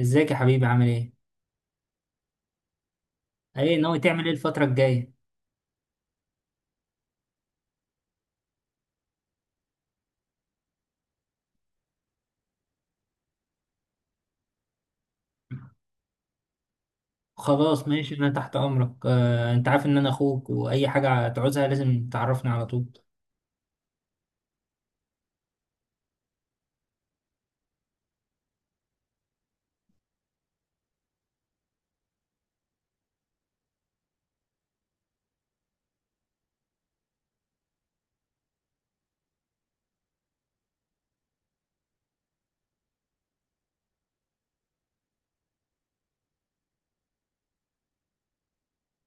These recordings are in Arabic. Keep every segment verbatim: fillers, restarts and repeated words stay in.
ازيك يا حبيبي عامل ايه؟ ايه ناوي تعمل ايه الفترة الجاية؟ خلاص ماشي انا تحت امرك، آه، انت عارف ان انا اخوك واي حاجة تعوزها لازم تعرفني على طول.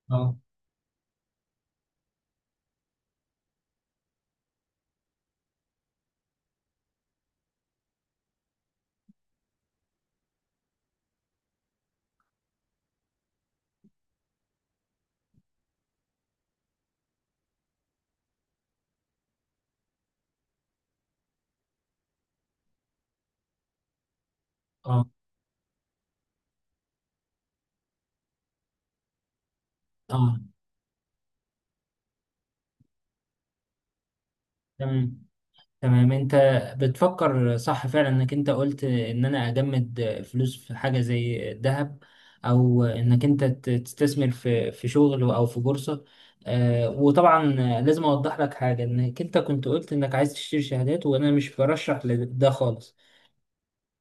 اه. اه. اه. تمام، تمام. انت بتفكر صح فعلا، انك انت قلت ان انا اجمد فلوس في حاجة زي الذهب او انك انت ت- تستثمر في في شغل او في بورصة. آه، وطبعا لازم اوضح لك حاجة، انك انت كنت قلت انك عايز تشتري شهادات وانا مش برشح لده خالص،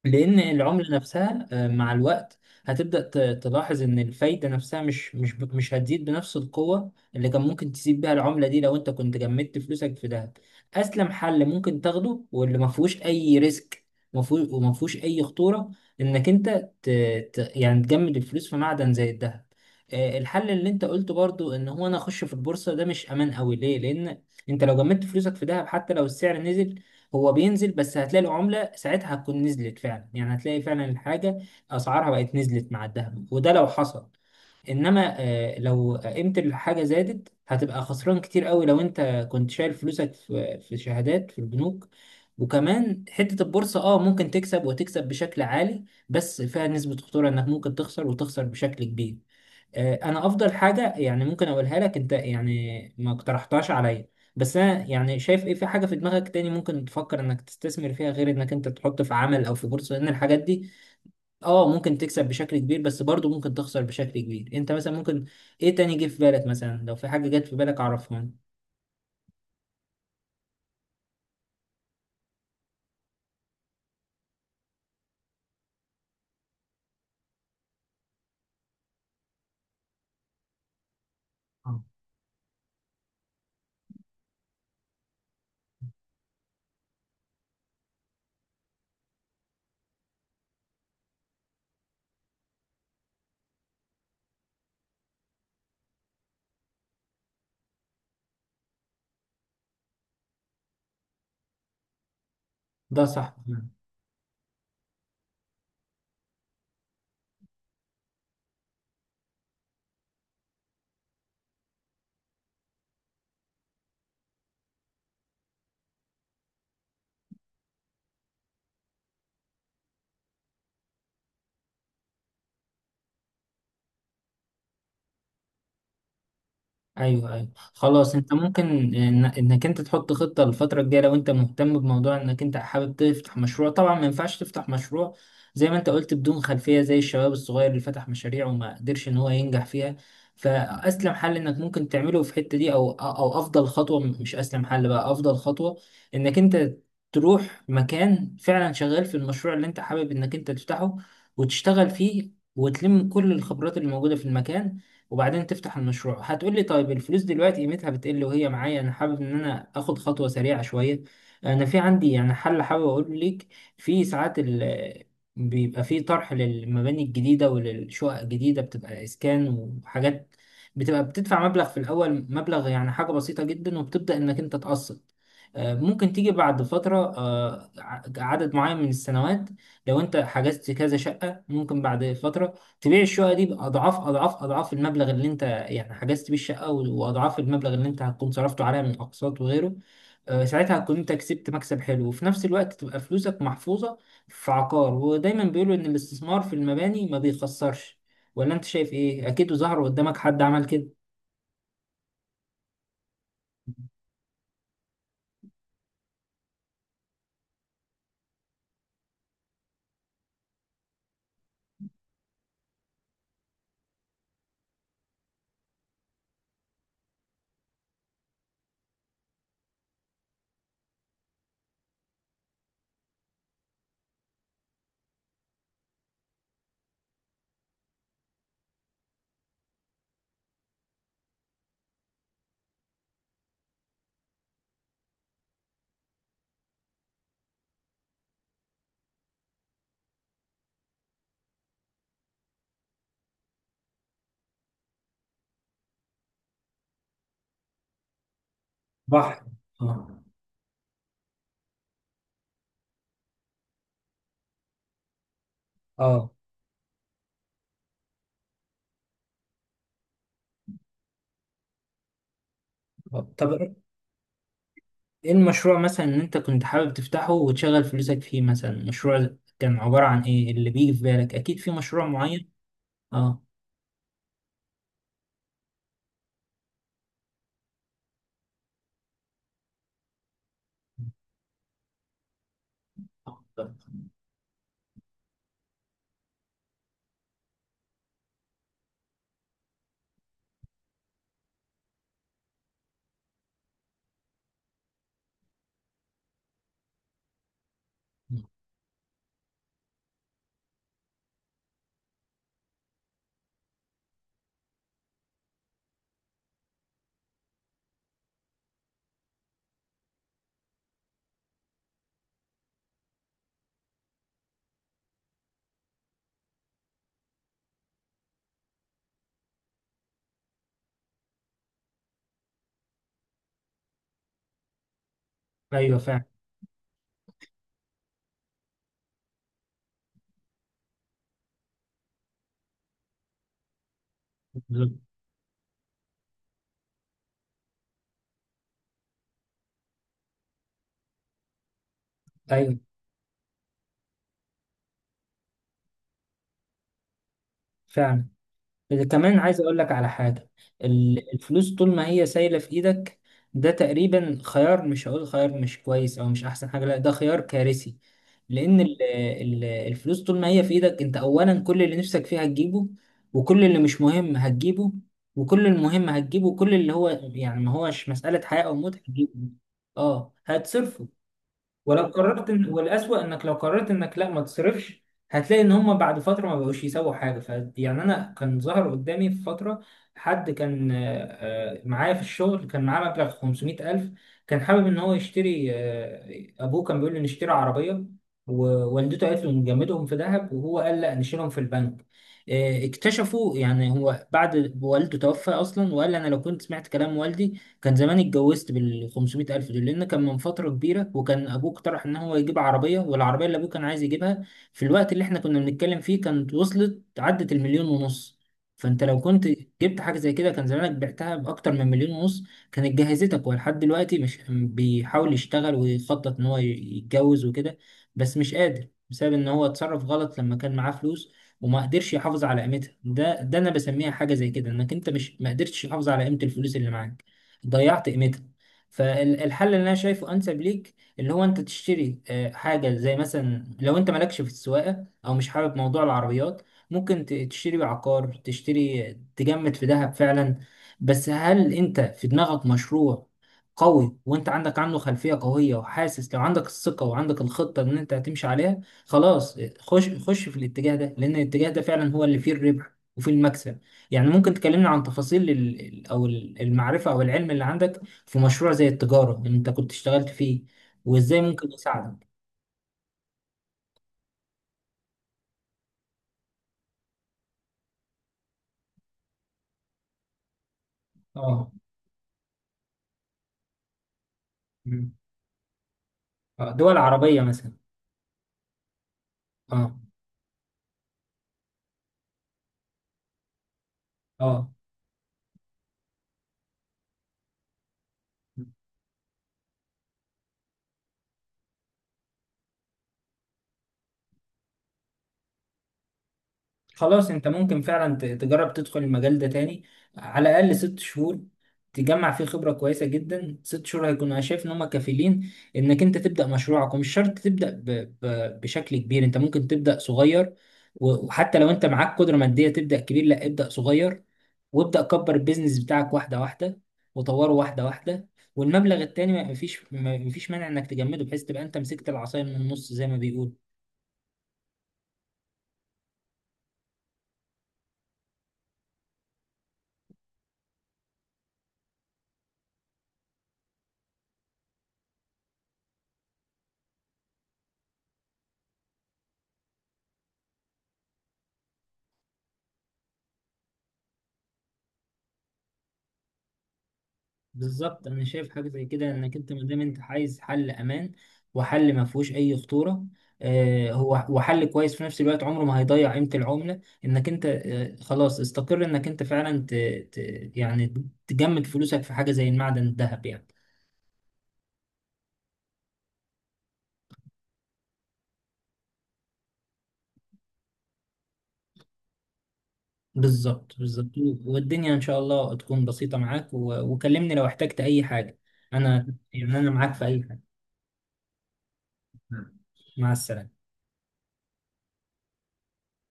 لان العملة نفسها آه، مع الوقت هتبدأ ت- تلاحظ ان الفايدة نفسها مش مش ب- مش هتزيد بنفس القوة اللي كان ممكن تسيب بيها العملة دي لو انت كنت جمدت فلوسك في دهب. اسلم حل ممكن تاخده واللي ما فيهوش اي ريسك ما فيهوش- وما فيهوش اي خطورة، انك انت ت... ت... يعني تجمد الفلوس في معدن زي الدهب. آه، الحل اللي انت قلته برضو ان هو انا اخش في البورصة ده مش امان قوي، ليه؟ لان انت لو جمدت فلوسك في دهب حتى لو السعر نزل هو بينزل، بس هتلاقي العملة ساعتها هتكون نزلت فعلا، يعني هتلاقي فعلا الحاجة أسعارها بقت نزلت مع الذهب، وده لو حصل. إنما آه، لو قيمة الحاجة زادت هتبقى خسران كتير قوي لو أنت كنت شايل فلوسك في في شهادات في البنوك. وكمان حتة البورصة اه ممكن تكسب وتكسب بشكل عالي، بس فيها نسبة خطورة إنك ممكن تخسر وتخسر بشكل كبير. آه، انا افضل حاجه يعني ممكن اقولها لك انت يعني ما اقترحتهاش عليا. بس انا يعني شايف ايه، في حاجه في دماغك تاني ممكن تفكر انك تستثمر فيها غير انك انت تحط في عمل او في بورصه؟ لان الحاجات دي اه ممكن تكسب بشكل كبير بس برضه ممكن تخسر بشكل كبير. انت مثلا ممكن ايه تاني جه في بالك؟ مثلا لو في حاجه جت في بالك عرفها لي. آه. ده صح. ايوه، ايوه، خلاص. انت ممكن إن- انك انت تحط خطه للفتره الجايه لو انت مهتم بموضوع انك انت حابب تفتح مشروع. طبعا ما ينفعش تفتح مشروع زي ما انت قلت بدون خلفيه زي الشباب الصغير اللي فتح مشاريع وما قدرش ان هو ينجح فيها. فاسلم حل انك ممكن تعمله في الحته دي، او او افضل خطوه، مش اسلم حل بقى، افضل خطوه، انك انت تروح مكان فعلا شغال في المشروع اللي انت حابب انك انت تفتحه، وتشتغل فيه وتلم كل الخبرات اللي موجوده في المكان، وبعدين تفتح المشروع. هتقول لي طيب الفلوس دلوقتي قيمتها بتقل وهي معايا، انا حابب ان انا اخد خطوة سريعة شوية. انا في عندي يعني حل حابب اقول لك. في ساعات ال بيبقى في طرح للمباني الجديدة وللشقق الجديدة، بتبقى اسكان وحاجات، بتبقى بتدفع مبلغ في الاول، مبلغ يعني حاجة بسيطة جدا، وبتبدأ انك انت تقسط. آه، ممكن تيجي بعد فترة، آه، ع- عدد معين من السنوات، لو انت حجزت كذا شقة، ممكن بعد فترة تبيع الشقة دي بأضعاف أضعاف أضعاف المبلغ اللي أنت يعني حجزت بيه الشقة، و- وأضعاف المبلغ اللي أنت هتكون صرفته عليها من أقساط وغيره. آه، ساعتها هتكون أنت كسبت مكسب حلو، وفي نفس الوقت تبقى فلوسك محفوظة في عقار. ودايما بيقولوا إن الاستثمار في المباني ما بيخسرش. ولا أنت شايف إيه؟ أكيد ظهر قدامك حد عمل كده. صح. آه. آه. آه. طب إيه المشروع مثلا إن أنت كنت حابب تفتحه وتشغل فلوسك فيه؟ مثلا مشروع كان عبارة عن إيه اللي بيجي في بالك؟ أكيد في مشروع معين؟ آه. ايوه فعلا. بالظبط. ايوه فعلا. إذا كمان عايز اقول لك على حاجه، ال- الفلوس طول ما هي سايله في ايدك ده تقريبا خيار، مش هقول خيار مش كويس او مش احسن حاجه، لا، ده خيار كارثي. لان ال- ال- الفلوس طول ما هي في ايدك انت، اولا كل اللي نفسك فيه هتجيبه، وكل اللي مش مهم هتجيبه، وكل المهم هتجيبه، وكل اللي هو يعني ما هوش مساله حياه او موت هتجيبه. اه هتصرفه. ولو قررت إن، والأسوأ إنك لو قررت إنك لا ما تصرفش، هتلاقي إن هما بعد فترة ما بقوش يسووا حاجة. ف يعني أنا كان ظهر قدامي في فترة حد كان آه، آه، معايا في الشغل، كان معاه مبلغ خمسمائة ألف. كان حابب إن هو يشتري، آه، أبوه كان بيقول له نشتري عربية، ووالدته قالت له نجمدهم في ذهب، وهو قال لا نشيلهم في البنك. آه، اكتشفوا يعني، هو بعد والده توفى أصلا وقال أنا لو كنت سمعت كلام والدي كان زمان اتجوزت بال خمسمائة ألف دول، لأن كان من فترة كبيرة وكان أبوه اقترح إن هو يجيب عربية، والعربية اللي أبوه كان عايز يجيبها في الوقت اللي إحنا كنا بنتكلم فيه كانت وصلت عدت المليون ونص. فأنت لو كنت جبت حاجة زي كده كان زمانك بعتها بأكتر من مليون ونص، كانت جهزتك. هو لحد دلوقتي مش بيحاول يشتغل ويخطط إن هو يتجوز وكده، بس مش قادر بسبب إن هو اتصرف غلط لما كان معاه فلوس وما قدرش يحافظ على قيمتها. ده ده انا بسميها حاجه زي كده، انك انت مش، ما قدرتش تحافظ على قيمه الفلوس اللي معاك، ضيعت قيمتها. فالحل اللي انا شايفه انسب ليك اللي هو انت تشتري آه، حاجه، زي مثلا لو انت مالكش في السواقه او مش حابب موضوع العربيات ممكن ت- تشتري عقار، تشتري، تجمد في ذهب فعلا. بس هل انت في دماغك مشروع قوي، وانت عندك عنه خلفيه قويه، وحاسس لو عندك الثقه وعندك الخطه ان انت هتمشي عليها، خلاص آه، خش خش في الاتجاه ده، لان الاتجاه ده فعلا هو اللي فيه الربح وفيه المكسب. يعني ممكن تكلمنا عن تفاصيل ال- ال- او ال- المعرفة او العلم اللي عندك في مشروع زي التجارة اللي انت كنت اشتغلت فيه، وازاي ممكن يساعدك. اه. مم. آه، دول عربية مثلا. اه. اه، خلاص انت ممكن فعلا ت- تجرب تدخل المجال ده تاني، على الاقل ست شهور تجمع فيه خبرة كويسة جدا. ست شهور هيكون، انا شايف ان هم كفيلين انك انت تبدأ مشروعك، ومش شرط تبدأ ب... ب... بشكل كبير. انت ممكن تبدأ صغير، و- وحتى لو انت معاك قدرة مادية تبدأ كبير، لا، ابدأ صغير، وابدأ كبر البيزنس بتاعك واحدة واحدة، وطوره واحدة واحدة. والمبلغ التاني ما فيش ما فيش مانع انك تجمده، بحيث تبقى انت مسكت العصاية من النص زي ما بيقول. بالظبط. انا شايف حاجه زي كده، انك انت ما دام انت عايز حل امان وحل ما فيهوش اي خطوره، آه، هو وحل كويس في نفس الوقت عمره ما هيضيع قيمه العمله، انك انت آه، خلاص استقر انك انت فعلا ت... ت... يعني تجمد فلوسك في حاجه زي المعدن، الذهب يعني. بالظبط، بالظبط. والدنيا ان شاء الله تكون بسيطه معاك، و... وكلمني لو احتجت اي حاجه، انا يعني انا معاك في اي حاجه. مع السلامه.